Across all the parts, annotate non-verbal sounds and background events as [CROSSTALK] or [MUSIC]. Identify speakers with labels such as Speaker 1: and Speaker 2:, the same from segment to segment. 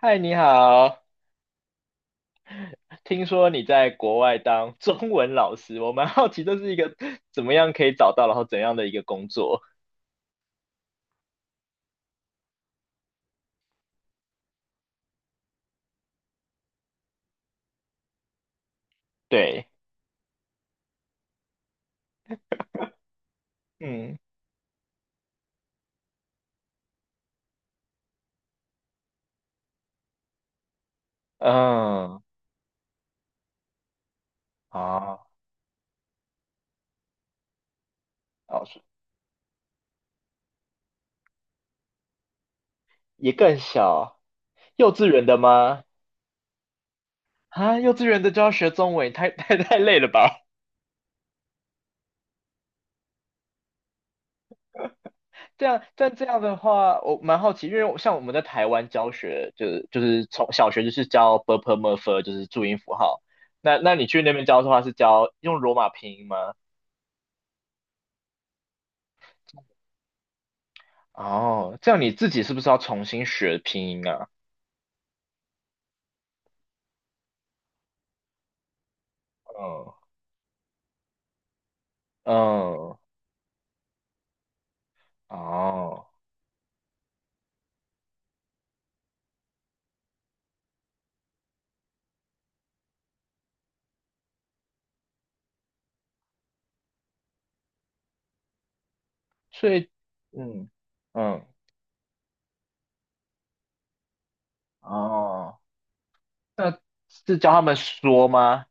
Speaker 1: 嗨，你好。听说你在国外当中文老师，我蛮好奇这是一个怎么样可以找到，然后怎样的一个工作？对，嗯嗯啊，老师也更小，幼稚园的吗？啊，幼稚园的就要学中文，太 [LAUGHS] 太累了吧？这样，但这样的话，我蛮好奇，因为我像我们在台湾教学，就是从小学就是教 b p m e r f，就是注音符号。那你去那边教的话，是教用罗马拼音吗？哦，这样你自己是不是要重新学拼音啊？嗯，嗯，哦，所以，嗯嗯，哦，那是教他们说吗？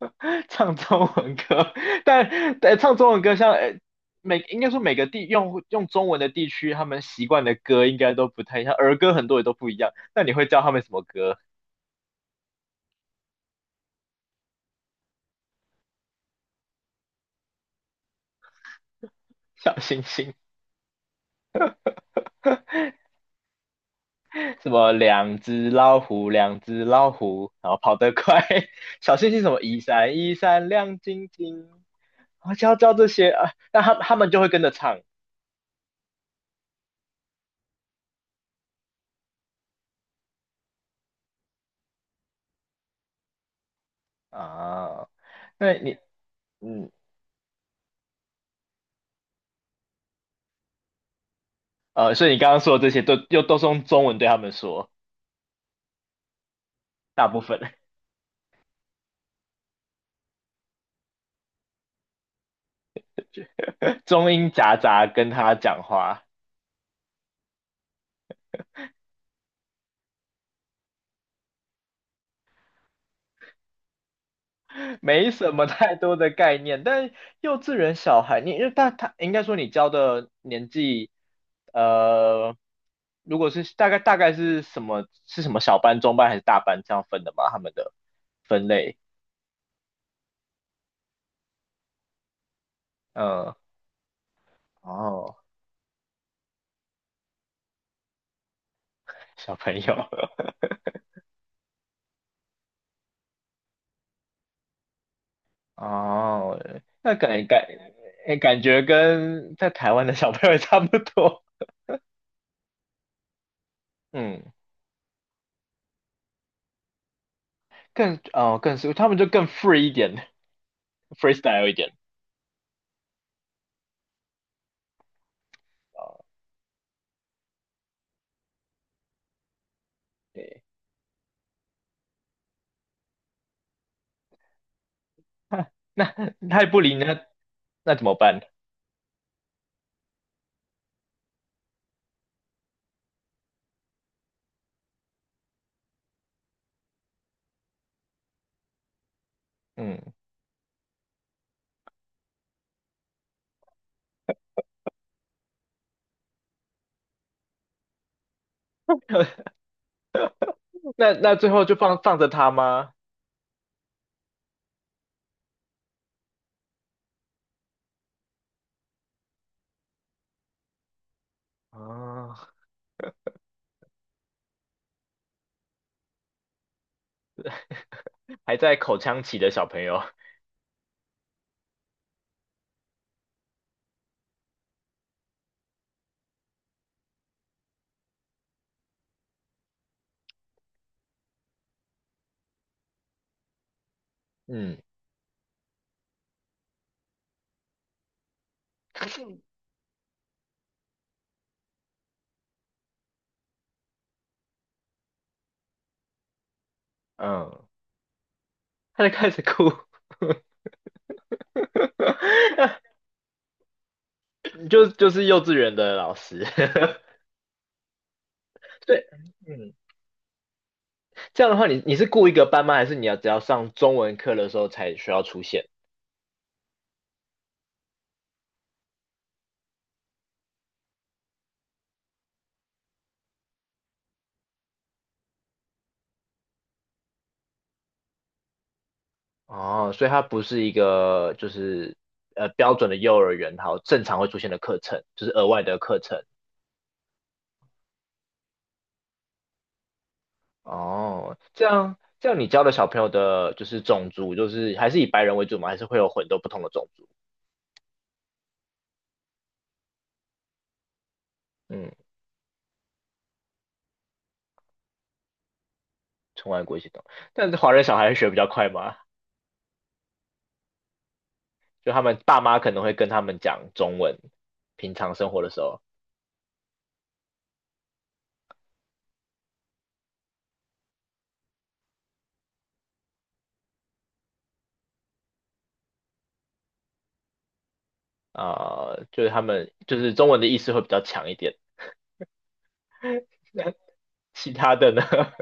Speaker 1: [LAUGHS] 唱中文歌，但但唱中文歌像，每应该说每个地用中文的地区，他们习惯的歌应该都不太一样，儿歌很多也都不一样。那你会教他们什么歌？[LAUGHS] 小星星什么两只老虎，两只老虎，然后跑得快。[LAUGHS] 小星星什么一闪一闪亮晶晶，我就要教这些啊，那他们就会跟着唱啊。那你嗯呃，所以你刚刚说的这些都又都是用中文对他们说，大部分 [LAUGHS] 中英夹杂跟他讲话。没什么太多的概念，但幼稚园小孩，你因为他应该说你教的年纪，呃，如果是大概是什么小班、中班还是大班这样分的吗？他们的分类，嗯，哦，小朋友，[LAUGHS] 哦，那诶感觉跟在台湾的小朋友也差不多，嗯，更是他们就更 free 一点 [LAUGHS]，freestyle 一点，哦，对。[LAUGHS] 那那太不理呢？那怎么办？嗯，那最后就放着他吗？啊，还在口腔期的小朋友，嗯嗯，他就开始哭，[LAUGHS] 就是幼稚园的老师，[LAUGHS] 对，嗯，这样的话你是雇一个班吗？还是你要只要上中文课的时候才需要出现？哦，所以它不是一个就是标准的幼儿园，好正常会出现的课程，就是额外的课程。哦，这样这样，你教的小朋友的就是种族，就是还是以白人为主吗？还是会有很多不同的种族？嗯，从外国一起懂，但是华人小孩学比较快吗？就他们爸妈可能会跟他们讲中文，平常生活的时候，啊、就是他们就是中文的意识会比较强一点。[LAUGHS] 其他的呢，[LAUGHS]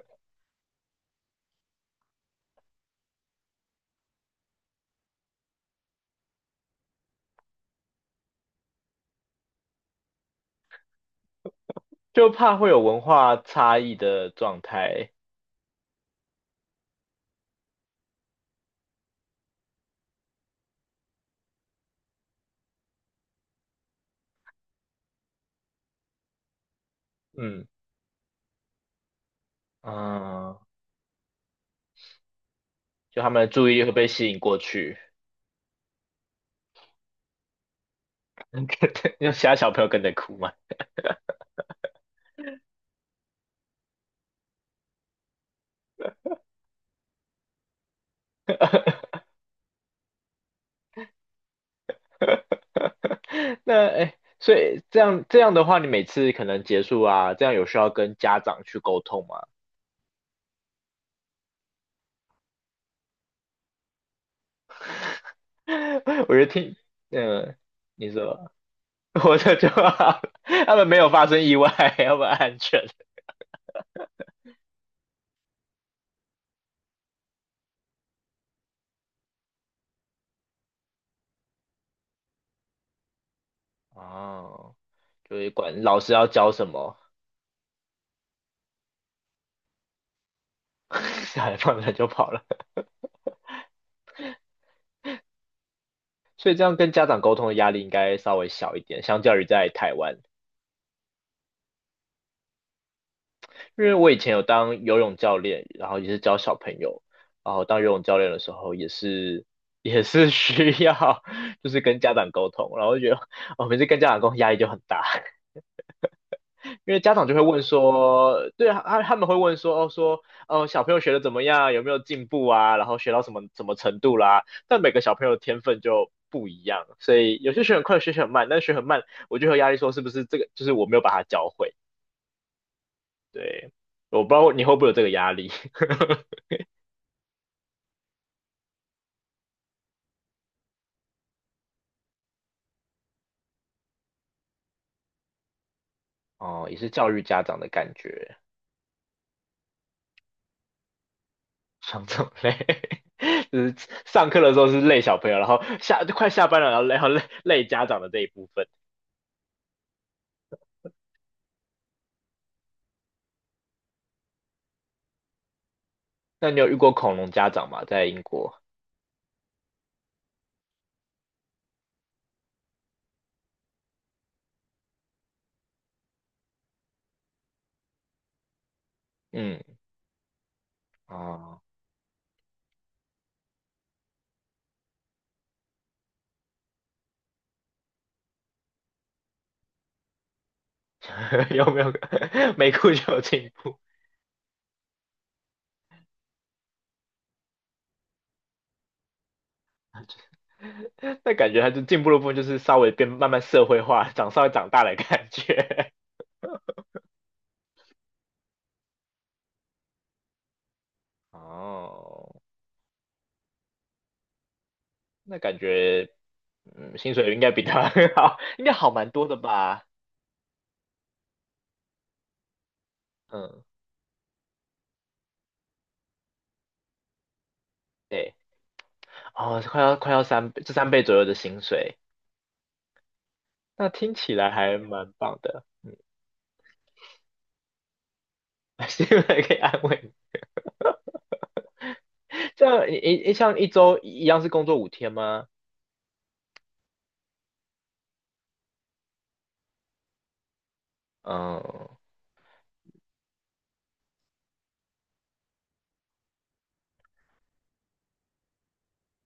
Speaker 1: 就怕会有文化差异的状态。嗯嗯，就他们的注意力会被吸引过去。[LAUGHS] 有其他小朋友跟着哭吗？[LAUGHS] 那哎，诶所以这样这样的话，你每次可能结束啊，这样有需要跟家长去沟通吗？[LAUGHS] 我就听，嗯，你说 [LAUGHS] 活着就好，他们没有发生意外，他们安全。哦，就是管老师要教什么，[LAUGHS] 小孩放着就跑了。[LAUGHS] 所以这样跟家长沟通的压力应该稍微小一点，相较于在台湾。因为我以前有当游泳教练，然后也是教小朋友，然后当游泳教练的时候也是需要 [LAUGHS] 就是跟家长沟通，然后就觉得哦，每次跟家长沟通压力就很大，[LAUGHS] 因为家长就会问说，对啊，他们会问说小朋友学的怎么样，有没有进步啊，然后学到什么什么程度啦，但每个小朋友的天分就不一样，所以有些学很快，有些学很慢，但学很慢，我就有压力，说是不是这个就是我没有把它教会？对，我不知道你会不会有这个压力。[LAUGHS] 哦，也是教育家长的感觉，双重累，[LAUGHS] 就是上课的时候是累小朋友，然后下就快下班了，然后累，然后累家长的这一部分。那你有遇过恐龙家长吗？在英国？嗯，哦，[LAUGHS] 有没有 [LAUGHS] 没哭就有进步？[LAUGHS] 那感觉还是进步的部分就是稍微变慢慢社会化，长稍微长大的感觉。[LAUGHS] 哦，那感觉薪水应该比他 [LAUGHS] 好，应该好蛮多的吧？嗯，对。哦，快要三倍，这三倍左右的薪水，那听起来还蛮棒的。嗯，[LAUGHS] 希望可以安慰你。这样一像一周一样是工作5天吗？嗯，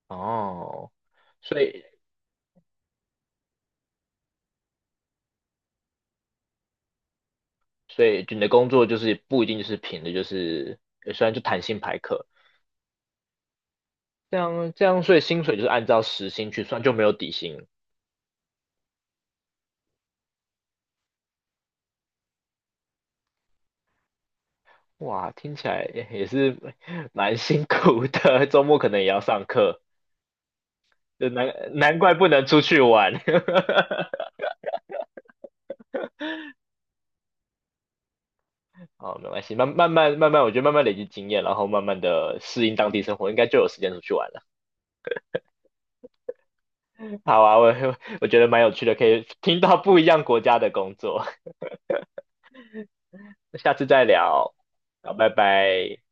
Speaker 1: 哦，所以所以你的工作就是不一定就是平的，就是虽然就弹性排课，这样这样，所以薪水就是按照时薪去算，就没有底薪。哇，听起来也是蛮辛苦的，[LAUGHS] 周末可能也要上课，就难怪不能出去玩。[LAUGHS] 哦，没关系，慢慢，我觉得慢慢累积经验，然后慢慢的适应当地生活，应该就有时间出去玩了。[LAUGHS] 好啊，我 [LAUGHS] 我觉得蛮有趣的，可以听到不一样国家的工作，[LAUGHS] 下次再聊，好，拜拜。